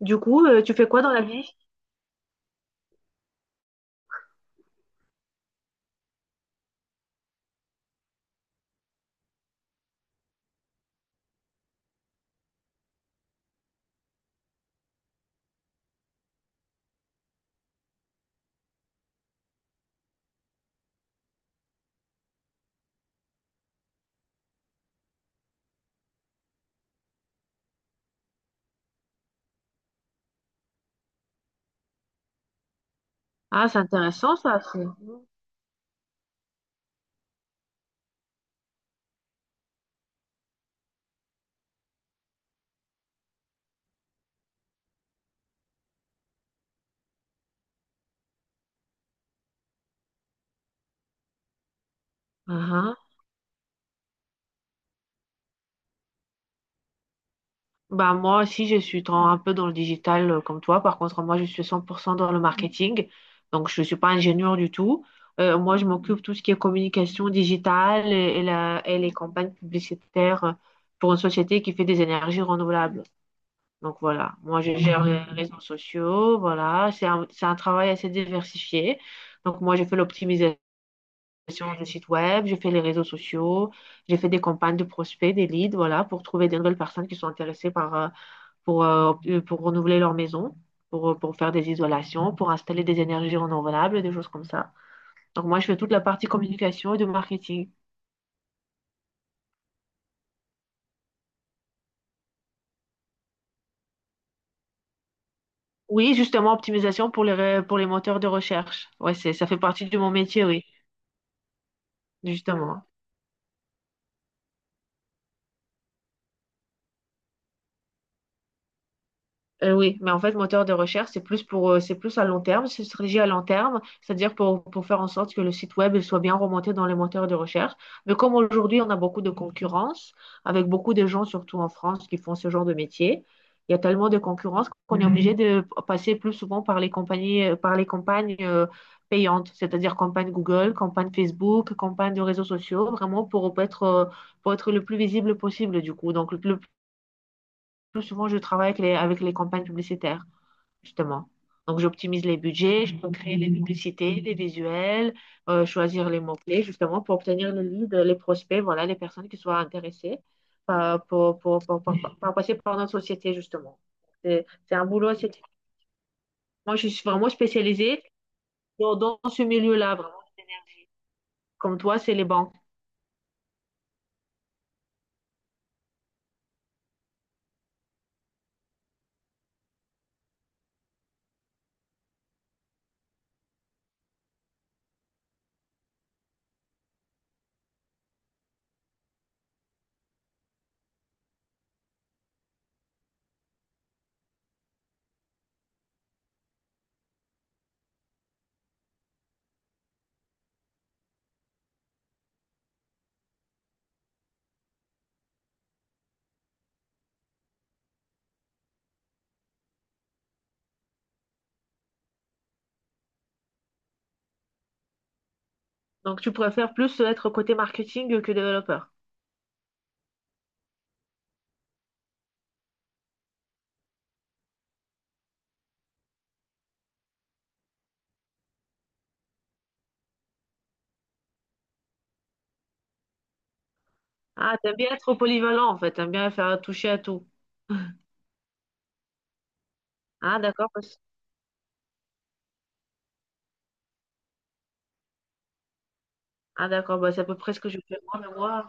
Du coup, tu fais quoi dans la vie? Ah, c'est intéressant ça. Ah, ah. Moi aussi, je suis un peu dans le digital comme toi. Par contre, moi, je suis 100% dans le marketing. Donc, je ne suis pas ingénieur du tout. Moi, je m'occupe de tout ce qui est communication digitale et et les campagnes publicitaires pour une société qui fait des énergies renouvelables. Donc, voilà. Moi, je gère les réseaux sociaux. Voilà. C'est c'est un travail assez diversifié. Donc, moi, j'ai fait l'optimisation du site web, j'ai fait les réseaux sociaux, j'ai fait des campagnes de prospects, des leads, voilà, pour trouver des nouvelles personnes qui sont intéressées pour, euh, pour renouveler leur maison, pour faire des isolations, pour installer des énergies renouvelables, des choses comme ça. Donc moi, je fais toute la partie communication et de marketing. Oui, justement, optimisation pour pour les moteurs de recherche. Ouais, ça fait partie de mon métier, oui, justement. Oui, mais en fait, moteur de recherche, c'est plus pour, c'est plus à long terme, c'est une stratégie à long terme, c'est-à-dire pour faire en sorte que le site web il soit bien remonté dans les moteurs de recherche. Mais comme aujourd'hui, on a beaucoup de concurrence, avec beaucoup de gens, surtout en France, qui font ce genre de métier, il y a tellement de concurrence qu'on est obligé. Mhm. De passer plus souvent par les compagnies, par les campagnes payantes, c'est-à-dire campagne Google, campagne Facebook, campagne de réseaux sociaux, vraiment pour être le plus visible possible, du coup. Donc, le plus souvent, je travaille avec avec les campagnes publicitaires justement. Donc, j'optimise les budgets, je peux créer les publicités, les visuels, choisir les mots-clés, justement, pour obtenir les leads, les prospects, voilà, les personnes qui soient intéressées par, pour passer par notre société, justement. C'est un boulot assez... Moi, je suis vraiment spécialisée dans ce milieu-là, vraiment. Comme toi, c'est les banques. Donc, tu préfères plus être côté marketing que développeur. Ah, t'aimes bien être polyvalent, en fait. T'aimes bien faire toucher à tout. Ah, d'accord. Ah, d'accord. Bah, c'est à peu près ce que je fais moi, mais moi...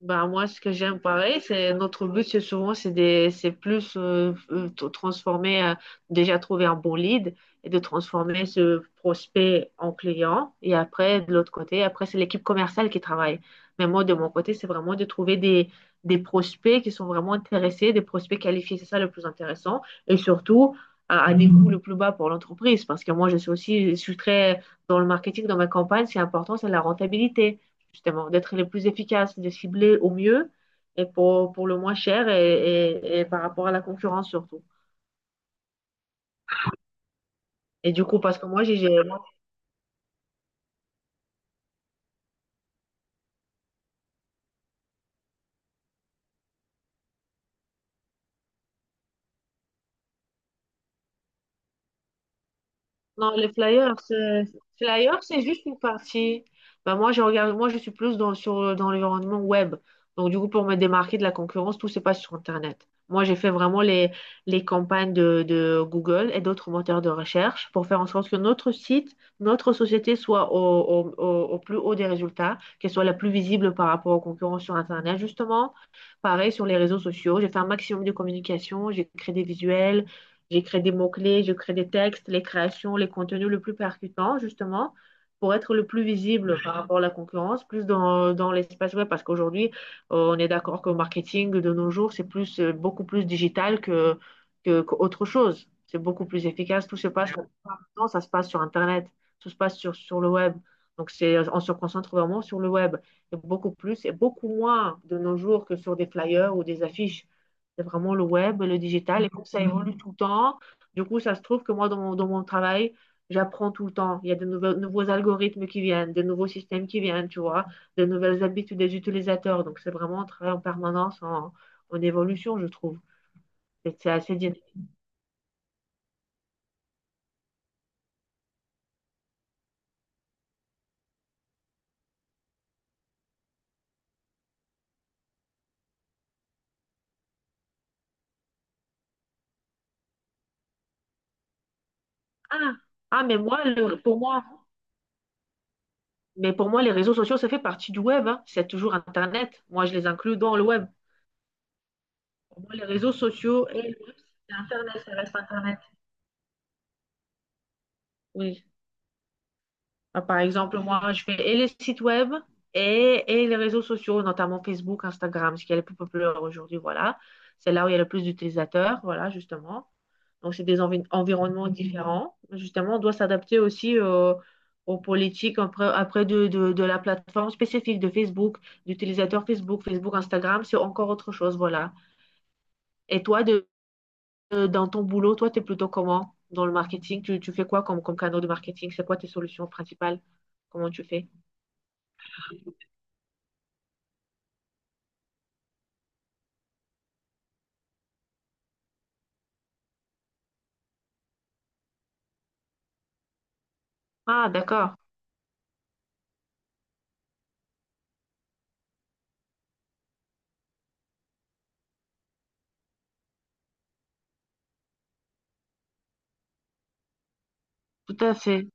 Bah moi ce que j'aime pareil c'est notre but c'est souvent c'est des c'est plus t- transformer déjà trouver un bon lead et de transformer ce prospect en client et après de l'autre côté après c'est l'équipe commerciale qui travaille mais moi de mon côté c'est vraiment de trouver des prospects qui sont vraiment intéressés, des prospects qualifiés, c'est ça le plus intéressant, et surtout à des coûts le plus bas pour l'entreprise parce que moi je suis aussi, je suis très dans le marketing, dans ma campagne c'est important, c'est la rentabilité justement, d'être les plus efficaces, de cibler au mieux et pour le moins cher et par rapport à la concurrence surtout. Et du coup, parce que moi, Non, les flyers, flyers, c'est juste une partie. Bah, moi, je regarde, moi, je suis plus dans l'environnement web. Donc, du coup, pour me démarquer de la concurrence, tout se passe sur Internet. Moi, j'ai fait vraiment les campagnes de Google et d'autres moteurs de recherche pour faire en sorte que notre site, notre société soit au plus haut des résultats, qu'elle soit la plus visible par rapport aux concurrents sur Internet, justement. Pareil sur les réseaux sociaux. J'ai fait un maximum de communication, j'ai créé des visuels. J'écris des mots-clés, je crée des textes, les créations, les contenus le plus percutants, justement, pour être le plus visible par rapport à la concurrence, plus dans l'espace web, parce qu'aujourd'hui, on est d'accord que le marketing de nos jours, c'est plus, beaucoup plus digital qu'autre chose. C'est beaucoup plus efficace. Tout se passe maintenant, ça se passe sur Internet, tout se passe sur le web. Donc, c'est, on se concentre vraiment sur le web. Et beaucoup plus et beaucoup moins de nos jours que sur des flyers ou des affiches. C'est vraiment le web, le digital, et comme ça évolue tout le temps, du coup, ça se trouve que moi, dans mon travail, j'apprends tout le temps. Il y a nouveaux algorithmes qui viennent, de nouveaux systèmes qui viennent, tu vois, de nouvelles habitudes des utilisateurs. Donc, c'est vraiment un travail en permanence, en évolution, je trouve. Et c'est assez dynamique. Ah, pour moi, mais pour moi, les réseaux sociaux, ça fait partie du web, hein. C'est toujours Internet. Moi, je les inclus dans le web. Pour moi, les réseaux sociaux et le web, c'est Internet, ça reste Internet. Oui. Par exemple, moi, je fais et les sites web et les réseaux sociaux, notamment Facebook, Instagram, ce qui est le plus populaire aujourd'hui, voilà. C'est là où il y a le plus d'utilisateurs, voilà, justement. Donc, c'est des environnements différents. Justement, on doit s'adapter aussi aux politiques après, après de la plateforme spécifique de Facebook, d'utilisateur Facebook, Facebook, Instagram, c'est encore autre chose, voilà. Et toi, dans ton boulot, toi, tu es plutôt comment dans le marketing? Tu fais quoi comme, comme canal de marketing? C'est quoi tes solutions principales? Comment tu fais? Ah, d'accord, tout à fait.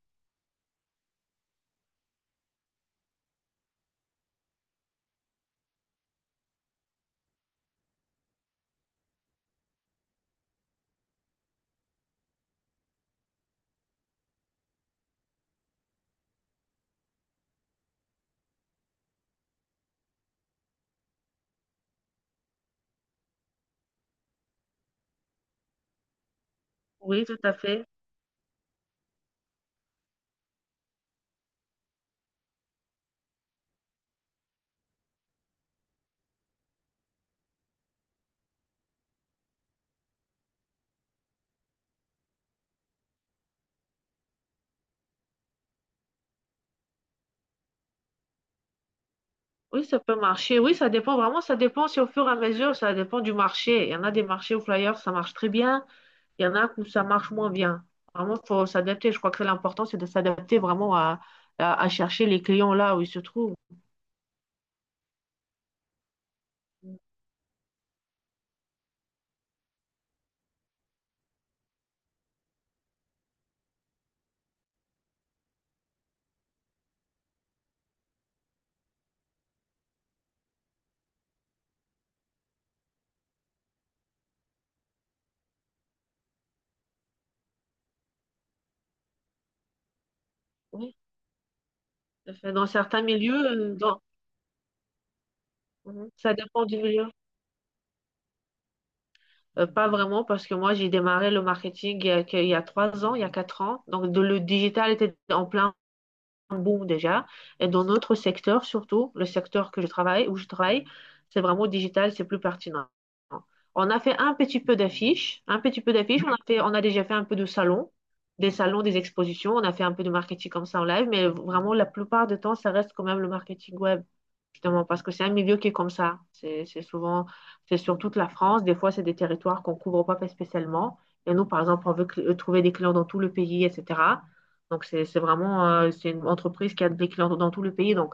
Oui, tout à fait. Oui, ça peut marcher. Oui, ça dépend vraiment, ça dépend si au fur et à mesure, ça dépend du marché. Il y en a des marchés où flyers, ça marche très bien. Il y en a où ça marche moins bien. Vraiment, il faut s'adapter. Je crois que l'important, c'est de s'adapter vraiment à, à chercher les clients là où ils se trouvent. Oui, tout à fait. Dans certains milieux, Mhm. Ça dépend du milieu. Pas vraiment, parce que moi, j'ai démarré le marketing il y a trois ans, il y a quatre ans. Donc, le digital était en plein bon déjà. Et dans notre secteur, surtout, le secteur que je travaille, où je travaille, c'est vraiment digital, c'est plus pertinent. On a fait un petit peu d'affiches, on a fait, on a déjà fait un peu des salons, des expositions, on a fait un peu de marketing comme ça en live, mais vraiment la plupart du temps, ça reste quand même le marketing web, justement, parce que c'est un milieu qui est comme ça. C'est souvent, c'est sur toute la France, des fois, c'est des territoires qu'on couvre pas spécialement. Et nous, par exemple, on veut trouver des clients dans tout le pays, etc. Donc, c'est vraiment c'est une entreprise qui a des clients dans tout le pays. Donc,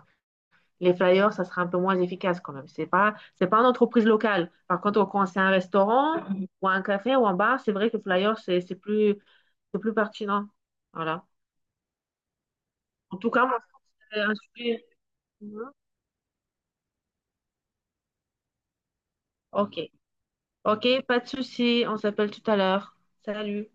les flyers, ça sera un peu moins efficace quand même. C'est pas une entreprise locale. Par contre, quand c'est un restaurant ou un café ou un bar, c'est vrai que flyers, c'est plus pertinent. Voilà. En tout cas, moi, je pense que c'est un sujet. Mhm. OK. OK, pas de souci. On s'appelle tout à l'heure. Salut.